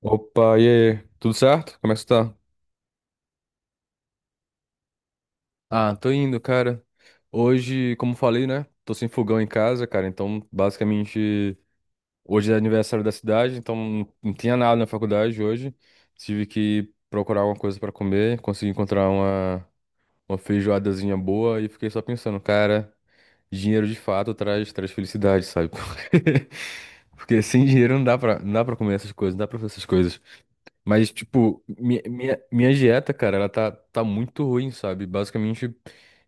Opa, e aí? Tudo certo? Como é que você tá? Ah, tô indo, cara. Hoje, como falei, né? Tô sem fogão em casa, cara. Então, basicamente, hoje é aniversário da cidade, então não tinha nada na faculdade hoje. Tive que procurar alguma coisa pra comer, consegui encontrar uma feijoadazinha boa e fiquei só pensando, cara, dinheiro de fato traz felicidade, sabe? Porque sem dinheiro não dá pra comer essas coisas, não dá pra fazer essas coisas. Mas, tipo, minha dieta, cara, tá muito ruim, sabe? Basicamente,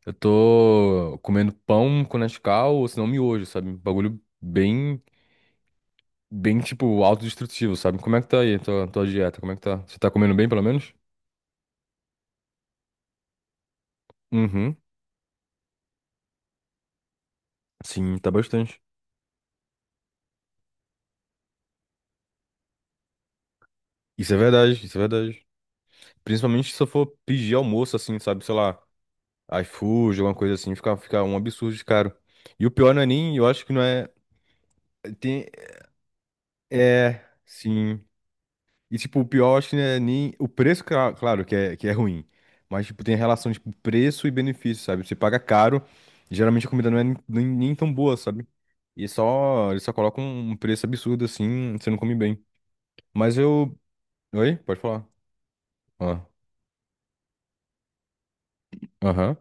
eu tô comendo pão com Nescau, ou se não, miojo, sabe? Um bagulho bem, tipo, autodestrutivo, sabe? Como é que tá aí a tua dieta? Como é que tá? Você tá comendo bem, pelo menos? Uhum. Sim, tá bastante. Isso é verdade, isso é verdade. Principalmente se eu for pedir almoço, assim, sabe? Sei lá, iFood, alguma coisa assim, fica um absurdo de caro. E o pior não é nem, eu acho que não é... Tem, é... Sim. E, tipo, o pior, acho que não é nem. O preço, claro, que é ruim. Mas, tipo, tem a relação, tipo, preço e benefício, sabe? Você paga caro, e geralmente a comida não é nem, nem tão boa, sabe? E só. Eles só colocam um preço absurdo assim, você não come bem. Mas eu. Oi? Pode falar. Ó. Aham.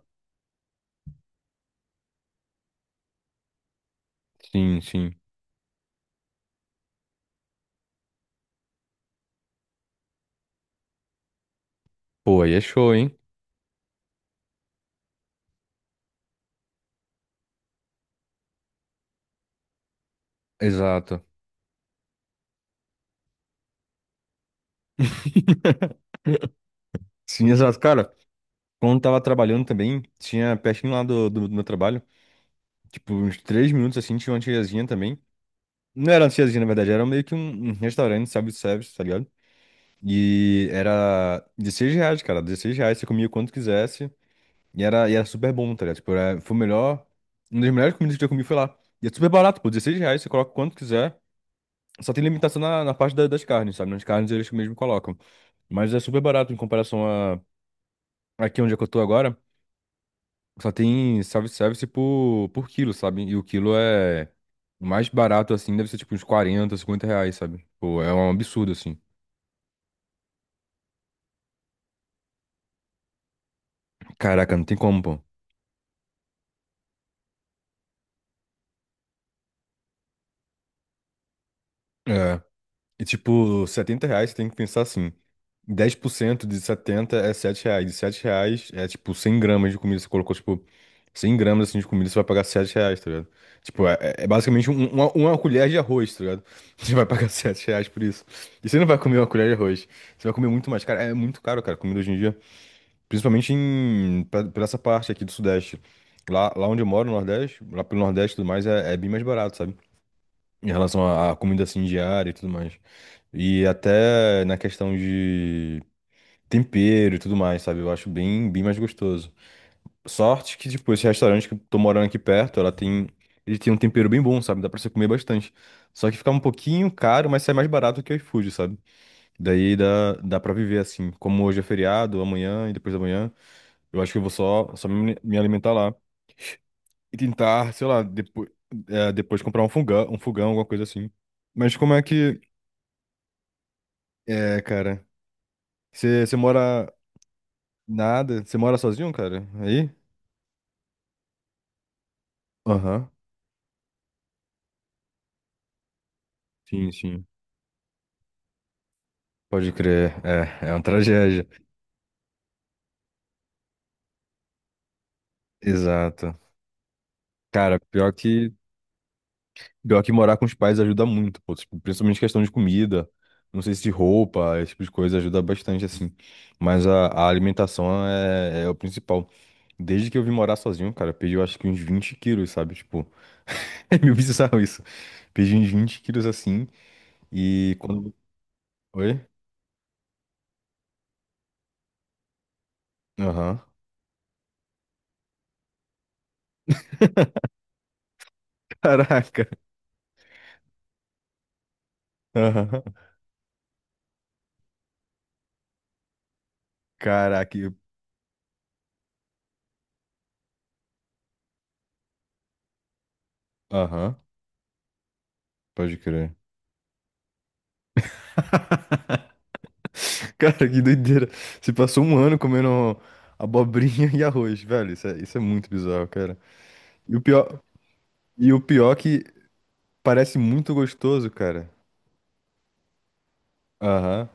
Sim, sim. Pô, aí é show, hein? Exato. Sim, exato. Cara, quando eu tava trabalhando também, tinha pertinho lá do meu trabalho, tipo, uns 3 minutos assim, tinha uma tiazinha também. Não era lanchezinha, na verdade, era meio que um restaurante, self-service, tá ligado? E era 16 reais, cara, 16 reais, você comia quanto quisesse, e era super bom, tá ligado? Tipo, foi o melhor, uma das melhores comidas que eu já comi foi lá. E é super barato, pô, 16 reais, você coloca quanto quiser, só tem limitação na parte das carnes, sabe? Nas carnes eles mesmo colocam, mas é super barato em comparação a aqui onde é que eu tô agora, só tem self-service por quilo, sabe? E o quilo é... O mais barato, assim, deve ser tipo uns 40, 50 reais, sabe? Pô, é um absurdo, assim. Caraca, não tem como, pô. É. E tipo, 70 reais tem que pensar assim. 10% de 70 é 7 reais. E 7 reais é tipo 100 gramas de comida. Você colocou tipo 100 gramas assim, de comida, você vai pagar 7 reais, tá ligado? Tipo, é basicamente uma colher de arroz, tá ligado? Você vai pagar 7 reais por isso. E você não vai comer uma colher de arroz. Você vai comer muito mais caro. É muito caro, cara, comida hoje em dia. Principalmente em, pra essa parte aqui do Sudeste. Lá onde eu moro, no Nordeste, lá pelo Nordeste e tudo mais, é, é bem mais barato, sabe? Em relação à à comida assim diária e tudo mais. E até na questão de tempero e tudo mais, sabe? Eu acho bem mais gostoso. Sorte que, tipo, esse restaurante que eu tô morando aqui perto, ela tem. Ele tem um tempero bem bom, sabe? Dá pra você comer bastante. Só que fica um pouquinho caro, mas sai mais barato que o iFood, sabe? Daí dá pra viver assim. Como hoje é feriado, amanhã e depois da manhã, eu acho que eu vou só me alimentar lá. E tentar, sei lá, depois comprar um fogão, alguma coisa assim. Mas como é que. É, cara. Você mora nada? Você mora sozinho, cara? Aí? Aham. Sim, sim. Pode crer. É, é uma tragédia. Exato. Cara, pior que morar com os pais ajuda muito, pô. Tipo, principalmente questão de comida. Não sei se de roupa, esse tipo de coisa ajuda bastante, assim. Mas a alimentação é o principal. Desde que eu vim morar sozinho, cara, eu perdi eu acho que uns 20 quilos, sabe? Tipo, é meio bizarro isso. Perdi uns 20 quilos assim. E quando. Oi? Aham. Caraca. Aham. Caraca, e- aham, pode crer. Cara, que doideira. Você passou um ano comendo abobrinha e arroz, velho. Isso é muito bizarro, cara. E o pior, e o pior que parece muito gostoso, cara. Aham,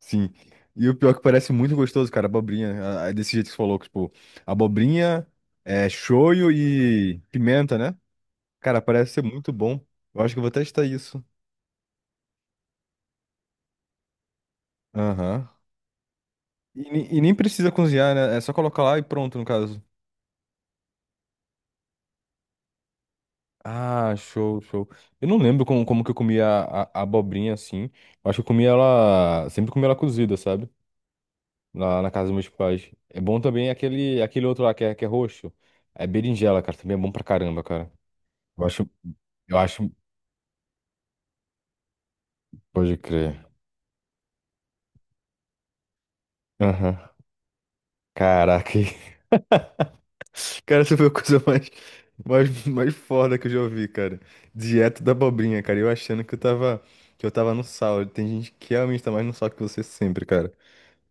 sim. E o pior que parece muito gostoso, cara, abobrinha. Ah, ah, desse jeito que você falou, que, tipo, abobrinha, é, shoyu e pimenta, né? Cara, parece ser muito bom. Eu acho que eu vou testar isso. Aham. E, ne- e nem precisa cozinhar, né? É só colocar lá e pronto, no caso. Ah, show, show. Eu não lembro como que eu comia a abobrinha assim. Eu acho que eu comia ela. Sempre comi ela cozida, sabe? Lá na casa dos meus pais. É bom também aquele outro lá que é roxo. É berinjela, cara. Também é bom pra caramba, cara. Eu acho. Eu acho. Pode crer. Aham. Caraca. Cara, essa foi a coisa mais foda que eu já ouvi, cara. Dieta da abobrinha, cara. Eu achando que eu tava. Que eu tava no sal. Tem gente que realmente tá mais no sal que você sempre, cara.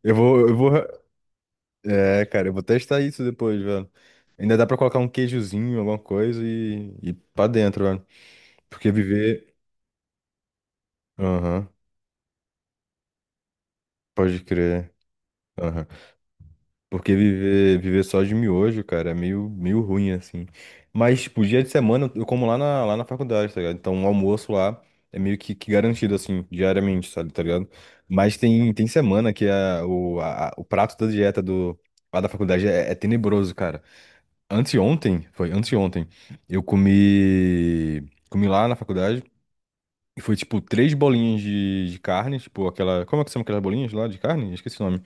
Eu vou. É, cara, eu vou testar isso depois, velho. Ainda dá pra colocar um queijozinho, alguma coisa e pra dentro, velho. Porque viver. Aham, pode crer. Aham. Porque viver só de miojo, cara, é meio, meio ruim, assim. Mas, tipo, dia de semana eu como lá na faculdade, tá ligado? Então o almoço lá é meio que garantido, assim, diariamente, sabe, tá ligado? Mas tem, tem semana que a, o, a- a- o prato da dieta do, lá da faculdade é tenebroso, cara. Anteontem, foi anteontem, eu comi lá na faculdade e foi tipo três bolinhas de carne, tipo aquela, como é que são aquelas bolinhas lá de carne? Esqueci o nome.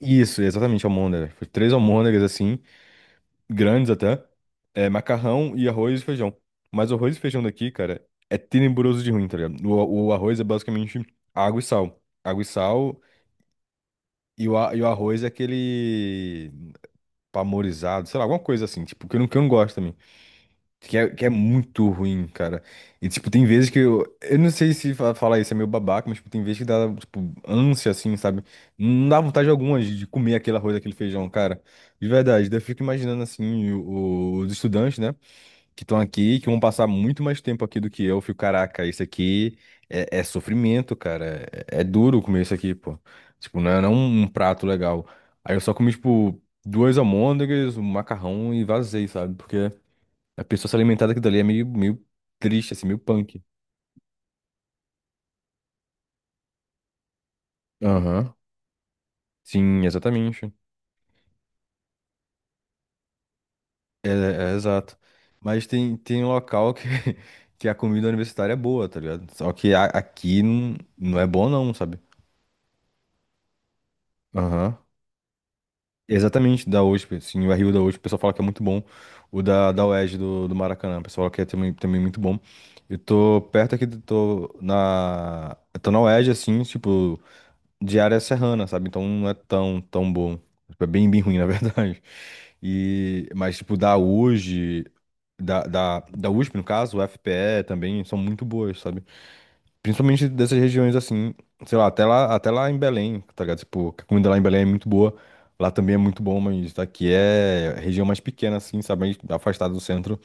Isso, exatamente, almôndega. Foi três almôndegas assim, grandes até, é, macarrão e arroz e feijão. Mas o arroz e feijão daqui, cara, é tenebroso de ruim, tá ligado? O arroz é basicamente água e sal. Água e sal e o arroz é aquele pamorizado, sei lá, alguma coisa assim, tipo, que eu não gosto também. Que é muito ruim, cara. E, tipo, tem vezes que eu. Eu não sei se falar isso é meio babaca, mas, tipo, tem vezes que dá, tipo, ânsia, assim, sabe? Não dá vontade alguma de comer aquele arroz, aquele feijão, cara. De verdade. Daí eu fico imaginando, assim, os estudantes, né? Que estão aqui, que vão passar muito mais tempo aqui do que eu. Eu fico, caraca, isso aqui é, é sofrimento, cara. É, é duro comer isso aqui, pô. Tipo, não é, não é um um prato legal. Aí eu só comi, tipo, duas almôndegas, um macarrão e vazei, sabe? Porque a pessoa se alimentar daquilo dali é meio, meio triste, assim, meio punk. Aham. Sim, exatamente. É, é exato. Mas tem, tem local que, que a comida universitária é boa, tá ligado? Só que aqui não, não é bom não, sabe? Aham. Exatamente, da USP, sim, o RU da USP, o pessoal fala que é muito bom. O da UERJ do Maracanã, o pessoal fala que é também, também muito bom. Eu tô perto aqui, tô na. Eu tô na UERJ, assim, tipo, de área serrana, sabe? Então não é tão, tão bom. Tipo, é bem, bem ruim, na verdade. E, mas, tipo, da USG, da USP, no caso, o FPE também, são muito boas, sabe? Principalmente dessas regiões, assim, sei lá, até lá em Belém, tá ligado? Tipo, a comida lá em Belém é muito boa. Lá também é muito bom, mas daqui é região mais pequena, assim, sabe? Mais afastada do centro.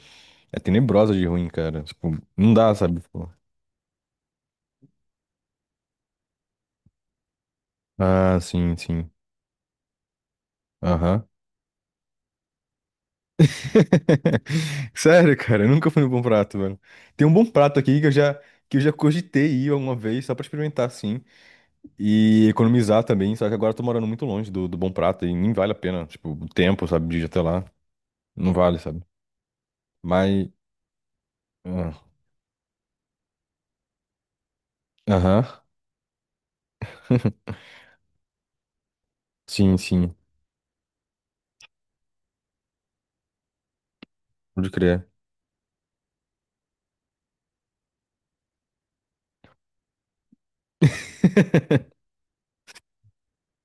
É tenebrosa de ruim, cara. Tipo, não dá, sabe? Tipo, ah, sim, sim. Aham. Sério, cara, eu nunca fui no Bom Prato, velho. Tem um bom prato aqui que que eu já cogitei ir alguma vez, só pra experimentar, assim, e economizar também, só que agora eu tô morando muito longe do Bom Prato e nem vale a pena, tipo, o tempo, sabe, de ir até lá, não vale, sabe? Mas, ah, aham, sim, sim, pode crer.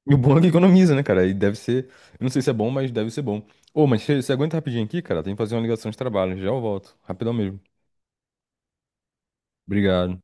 E o bom é que economiza, né, cara? E deve ser, eu não sei se é bom, mas deve ser bom. Ô, mas você aguenta rapidinho aqui, cara? Tem que fazer uma ligação de trabalho, já eu volto, rapidão mesmo. Obrigado.